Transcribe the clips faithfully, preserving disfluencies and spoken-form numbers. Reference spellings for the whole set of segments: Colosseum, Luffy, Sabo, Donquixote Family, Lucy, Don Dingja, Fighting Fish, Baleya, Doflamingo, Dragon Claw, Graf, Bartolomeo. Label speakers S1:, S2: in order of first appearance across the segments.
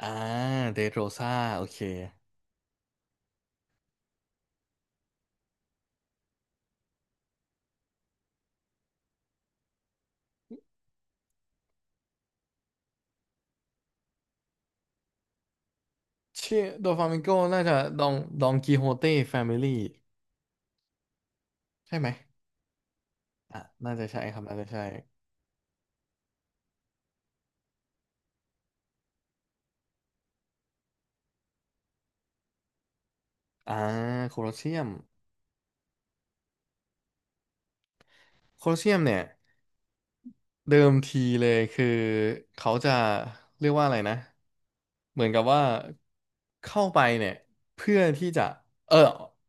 S1: อ่าเดโรซาโอเคชื่อโดฟามิงโกน่าจะดองดองกิโฮเต้แฟมิลี่ใช่ไหมอ่ะน่าจะใช่ครับน่าจะใช่อ่าโคลอสเซียมโคลอสเซียมเนี่ย เดิมทีเลยคือเขาจะเรียกว่าอะไรนะเหมือนกับว่าเข้าไปเนี่ยเพื่อที่จะเออ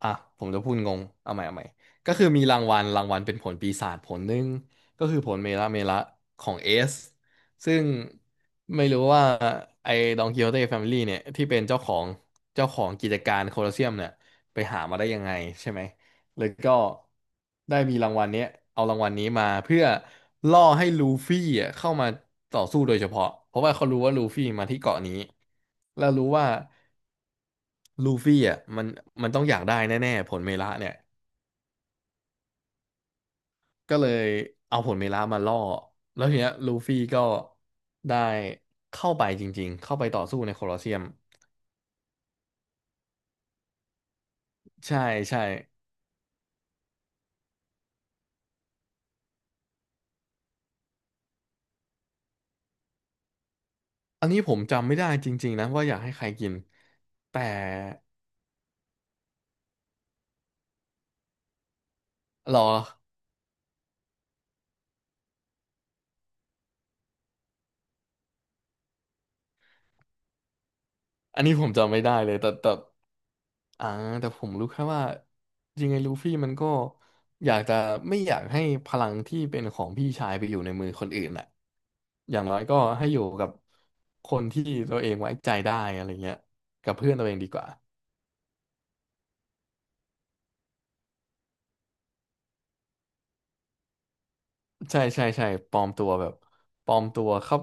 S1: อ่ะผมจะพูดงงเอาใหม่เอาใหม่ก็คือมีรางวัลรางวัลเป็นผลปีศาจผลหนึ่งก็คือผลเมละเมละของเอสซึ่งไม่รู้ว่าไอ้ดองกิโฮเต้แฟมิลี่เนี่ยที่เป็นเจ้าของเจ้าของกิจการโคลอสเซียมเนี่ยไปหามาได้ยังไงใช่ไหม แล้วก็ได้มีรางวัลเนี้ยเอารางวัลนี้มาเพื่อล่อให้ลูฟี่อ่ะเข้ามาต่อสู้โดยเฉพาะเพราะว่าเขารู้ว่าลูฟี่มาที่เกาะนี้แล้วรู้ว่าลูฟี่อ่ะมันมันต้องอยากได้แน่ๆผลเมละเนี่ยก็เลยเอาผลเมละมาล่อแล้วทีเนี้ยลูฟี่ก็ได้เข้าไปจริงๆเข้าไปต่อสู้ในโคลอสเซียมใช่ใช่อันนี้ผมจำไม่ได้จริงๆนะว่าอยากให้ใครกินแต่หรออันนี้ผมจำไม่ได้เลยแต่แต่ อ่าแต่ผมรู้แค่ว่าจริงไงลูฟี่มันก็อยากจะไม่อยากให้พลังที่เป็นของพี่ชายไปอยู่ในมือคนอื่นแหละอย่างน้อยก็ให้อยู่กับคนที่ตัวเองไว้ใจได้อะไรเงี้ยกับเพื่อนตัวเองดีกว่าใช่ใช่ใช่ปลอมตัวแบบปลอมตัวครับ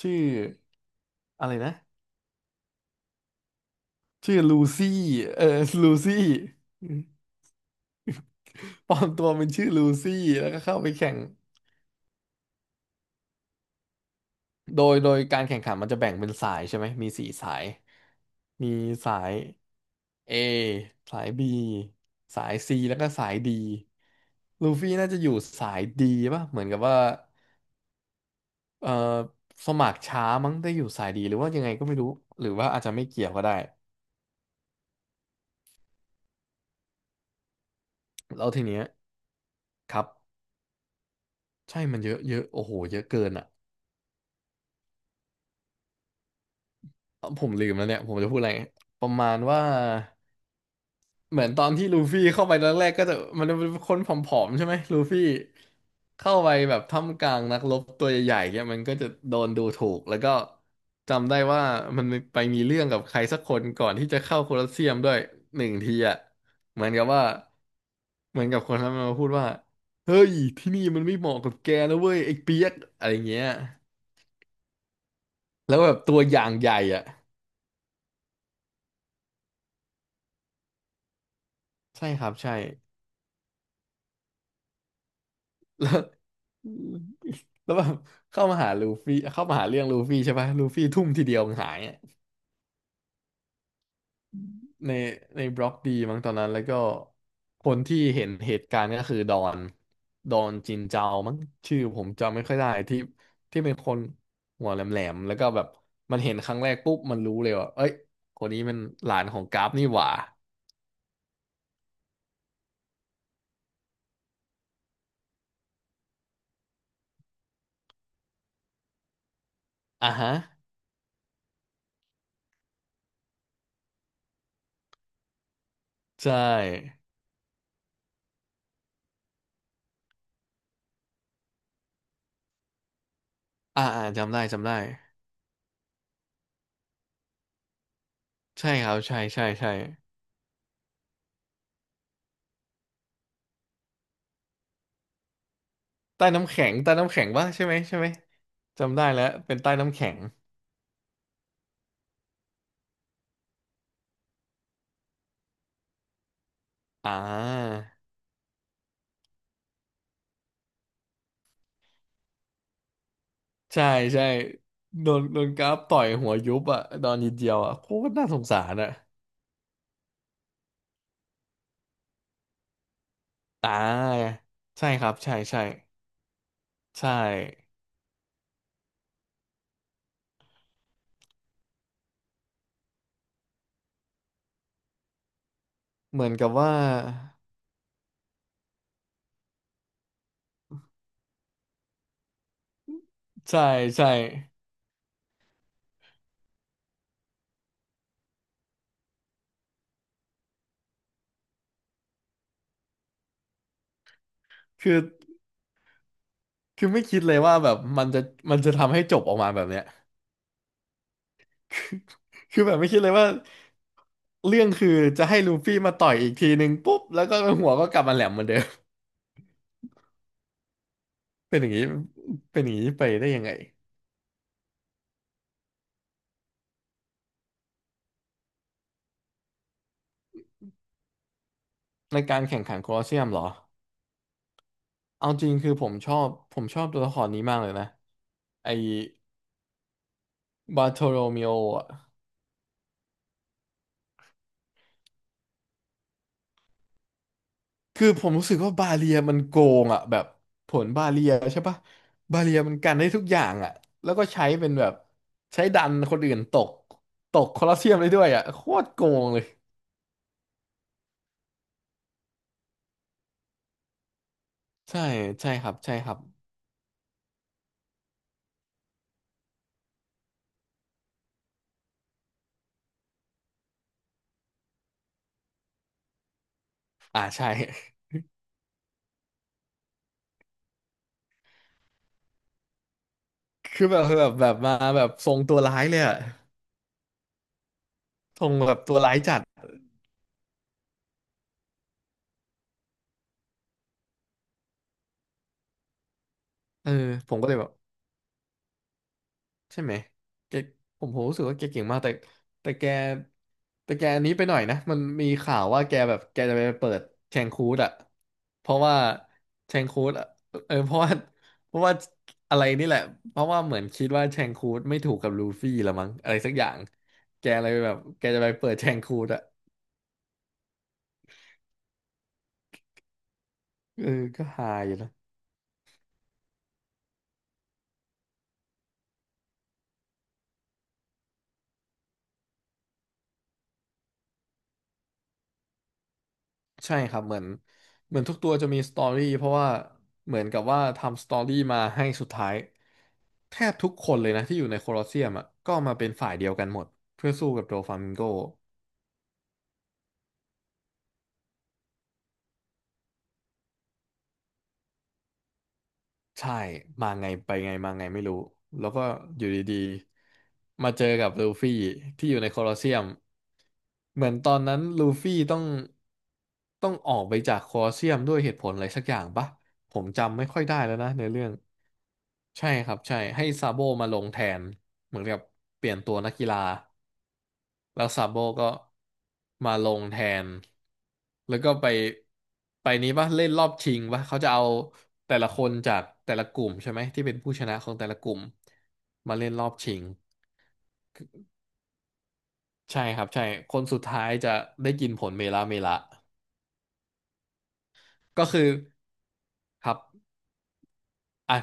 S1: ชื่ออะไรนะชื่อลูซี่เออลูซี่ ปลอมตัวเป็นชื่อลูซี่แล้วก็เข้าไปแข่ง โดยโดยการแข่งขันมันจะแบ่งเป็นสายใช่ไหมมีสี่สายมีสาย A สาย บี สาย ซี แล้วก็สาย ดี ลูฟี่น่าจะอยู่สาย ดี ป่ะเหมือนกับว่าเออสมัครช้ามั้งได้อยู่สาย D หรือว่ายังไงก็ไม่รู้หรือว่าอาจจะไม่เกี่ยวก็ได้แล้วทีเนี้ยครับใช่มันเยอะเยอะโอ้โหเยอะเกินอ่ะผมลืมแล้วเนี่ยผมจะพูดอะไรประมาณว่า เหมือนตอนที่ลูฟี่เข้าไปตอนแรกก็จะมันจะเป็นคนผอมๆใช่ไหมลูฟี่เข้าไปแบบท่ามกลางนักรบตัวใหญ่ๆเนี่ยมันก็จะโดนดูถูกแล้วก็จำได้ว่ามันไปมีเรื่องกับใครสักคนก่อนที่จะเข้าโคลอสเซียมด้วยหนึ่งทีอ่ะเหมือนกับว่าเหมือนกับคนนั้นมันมาพูดว่าเฮ้ยที่นี่มันไม่เหมาะกับแกนะเว้ยไอ้เปียกอะไรเงี้ยแล้วแบบตัวอย่างใหญ่อ่ะใช่ครับใช่แล้ว แล้วแบบ เข้ามาหาลูฟี่เข้ามาหาเรื่องลูฟี่ใช่ปะลูฟี่ทุ่มทีเดียวมันหายอะในในบล็อกดีมั้งตอนนั้นแล้วก็คนที่เห็นเหตุการณ์ก็คือดอนดอนจินเจามั้งชื่อผมจำไม่ค่อยได้ที่ที่เป็นคนหัวแหลมๆแล้วก็แบบมันเห็นครั้งแรกปุ๊บมันรู้เลยว่าเอ้ยคนนี้มันหลานของกราฟนี่หว่าอ่ะฮะใช่อ่าอ่าจำได้จำได้ใช่ครับใช่ใช่ใช่ใต้น้ำแข็งใต้น้ำแข็งปะใช่ไหมใช่ไหมจำได้แล้วเป็นใต้น้ำแข็ง อ่าใช่ใช่โดนโดนกราฟต่อยหัวยุบอ่ะตอนนิดเดียวอ่ะโคตรน่าสงสารอ่ะอ่าใช่ครับใช่ใช่ใช่เหมือนกับว่าใช่ใช่คือคือไม่คิดเลยว่าแบบมันจะมันจะทำให้จบออกมาแบบเนี้ยคือแบบไม่คิดเลยว่าเรื่องคือจะให้ลูฟี่มาต่อยอีกทีหนึ่งปุ๊บแล้วก็หัวก็กลับมาแหลมเหมือนเดิม เป็นอย่างนี้เป็นอย่างนี้ไปได้ยังไงในการแข่งขันโคลอสเซียมเหรอ เอาจริงคือผมชอบผมชอบตัวละครนี้มากเลยนะไอ้บาโทโรเมโออ่ะคือผมรู้สึกว่าบาเลียมันโกงอ่ะแบบผลบาเลียใช่ปะบาเลียมันกันได้ทุกอย่างอ่ะแล้วก็ใช้เป็นแบบใช้ดันคนอื่นตกตกคอลอสเซียมได้ด้วยอ่ะโคตรโกงเลยใช่ใช่ครับใช่ครับอ่าใช่ คือแบบแบบแบบมาแบบทรงตัวร้ายเลยอ่ะทรงแบบตัวร้ายจัดเออผมก็เลยแบบ ใช่ไหมแกผมผมรู้สึกว่าแกเก่งมาก แต่แต่แกแต่แกอันนี้ไปหน่อยนะ มันมีข่าวว่าแกแบบแกจะไปเปิดแชงคูดอะเพราะว่าแชงคูดอะเออเพราะว่าเพราะว่าอะไรนี่แหละ เพราะว่าเหมือนคิดว่าแชงคูดไม่ถูกกับลูฟี่ละมั้งอะไรสักอย่าง แกเลยแบบแกจะไปเปิดแชงคูดอะเออก็ฮาอยู่นะ ใช่ครับเหมือนเหมือนทุกตัวจะมีสตอรี่เพราะว่าเหมือนกับว่าทำสตอรี่มาให้สุดท้ายแทบทุกคนเลยนะที่อยู่ในโคลอสเซียมอ่ะก็มาเป็นฝ่ายเดียวกันหมดเพื่อสู้กับโดฟามิงโกใช่มาไงไปไงมาไงไม่รู้แล้วก็อยู่ดีๆมาเจอกับลูฟี่ที่อยู่ในโคลอสเซียมเหมือนตอนนั้นลูฟี่ต้องต้องออกไปจากโคลอสเซียมด้วยเหตุผลอะไรสักอย่างปะผมจำไม่ค่อยได้แล้วนะในเรื่อง ใช่ครับใช่ให้ซาโบมาลงแทนเหมือนกับเปลี่ยนตัวนักกีฬาแล้วซาโบก็มาลงแทนแล้วก็ไปไปนี้ป่ะเล่นรอบชิงป่ะเขาจะเอาแต่ละคนจากแต่ละกลุ่มใช่ไหมที่เป็นผู้ชนะของแต่ละกลุ่มมาเล่นรอบชิงใช่ครับใช่คนสุดท้ายจะได้กินผลเมลาเมละก็คือครับอ่ะ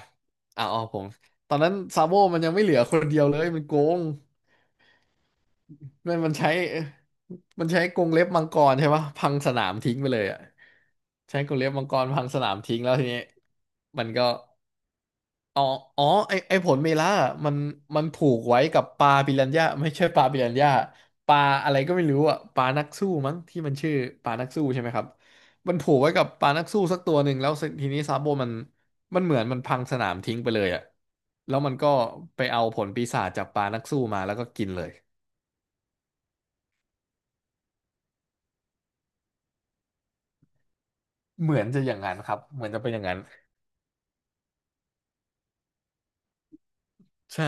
S1: อ่ะอ๋อผมตอนนั้นซาโบมันยังไม่เหลือคนเดียวเลยมันโกง มันมันใช้มันใช้กรงเล็บมังกรใช่ปะพังสนามทิ้งไปเลยอ่ะใช้กรงเล็บมังกรพังสนามทิ้งแล้วทีนี้มันก็อ๋ออ๋อไอไอผลเมล่าอะมันมันผูกไว้กับปลาปิรันย่าไม่ใช่ปลาปิรันย่าปลาอะไรก็ไม่รู้อ่ะปลานักสู้มั้งที่มันชื่อปลานักสู้ใช่ไหมครับมันผูกไว้กับปลานักสู้สักตัวหนึ่งแล้วทีนี้ซาโบมันมันเหมือนมันพังสนามทิ้งไปเลยอ่ะแล้วมันก็ไปเอาผลปีศาจจากปลานักสู้มาแล้วก็กินเลย เหมือนจะอย่างนั้นครับเหมือนจะเป็นอย่างนั้นใช่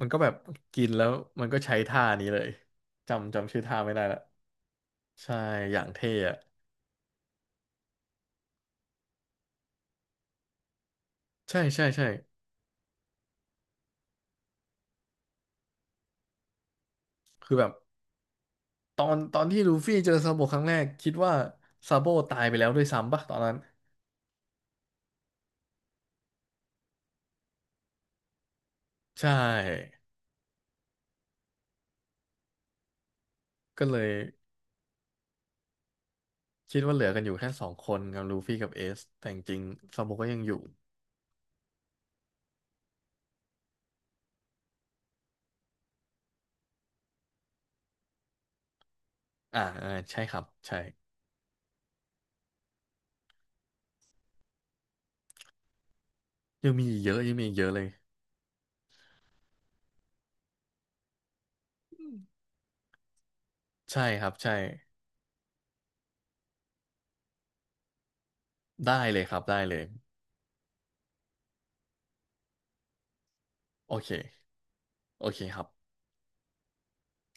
S1: มันก็แบบกินแล้วมันก็ใช้ท่านี้เลยจำจำชื่อท่าไม่ได้ละใช่อย่างเท่อะใช่ใช่ใช่คือแบบตอนตอนที่ลูฟี่เจอซาโบครั้งแรกคิดว่าซาโบตายไปแล้วด้วยซ้ำปะตอนนั้นใช่ก็เลยคิดว่าเหลือกันอยู่แค่สองคนกับลูฟี่กับเอสแต่จริงๆซาโบก็ยังอยู่อ่าอ่าใช่ครับใช่ยังมีอีกเยอะยังมีอีกเยอะเลยใช่ครับใช่ได้เลยครับได้เลยโอเคโอเคครับ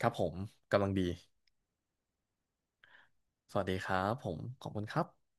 S1: ครับผมกำลังดี สวัสดีครับผมขอบคุณครับ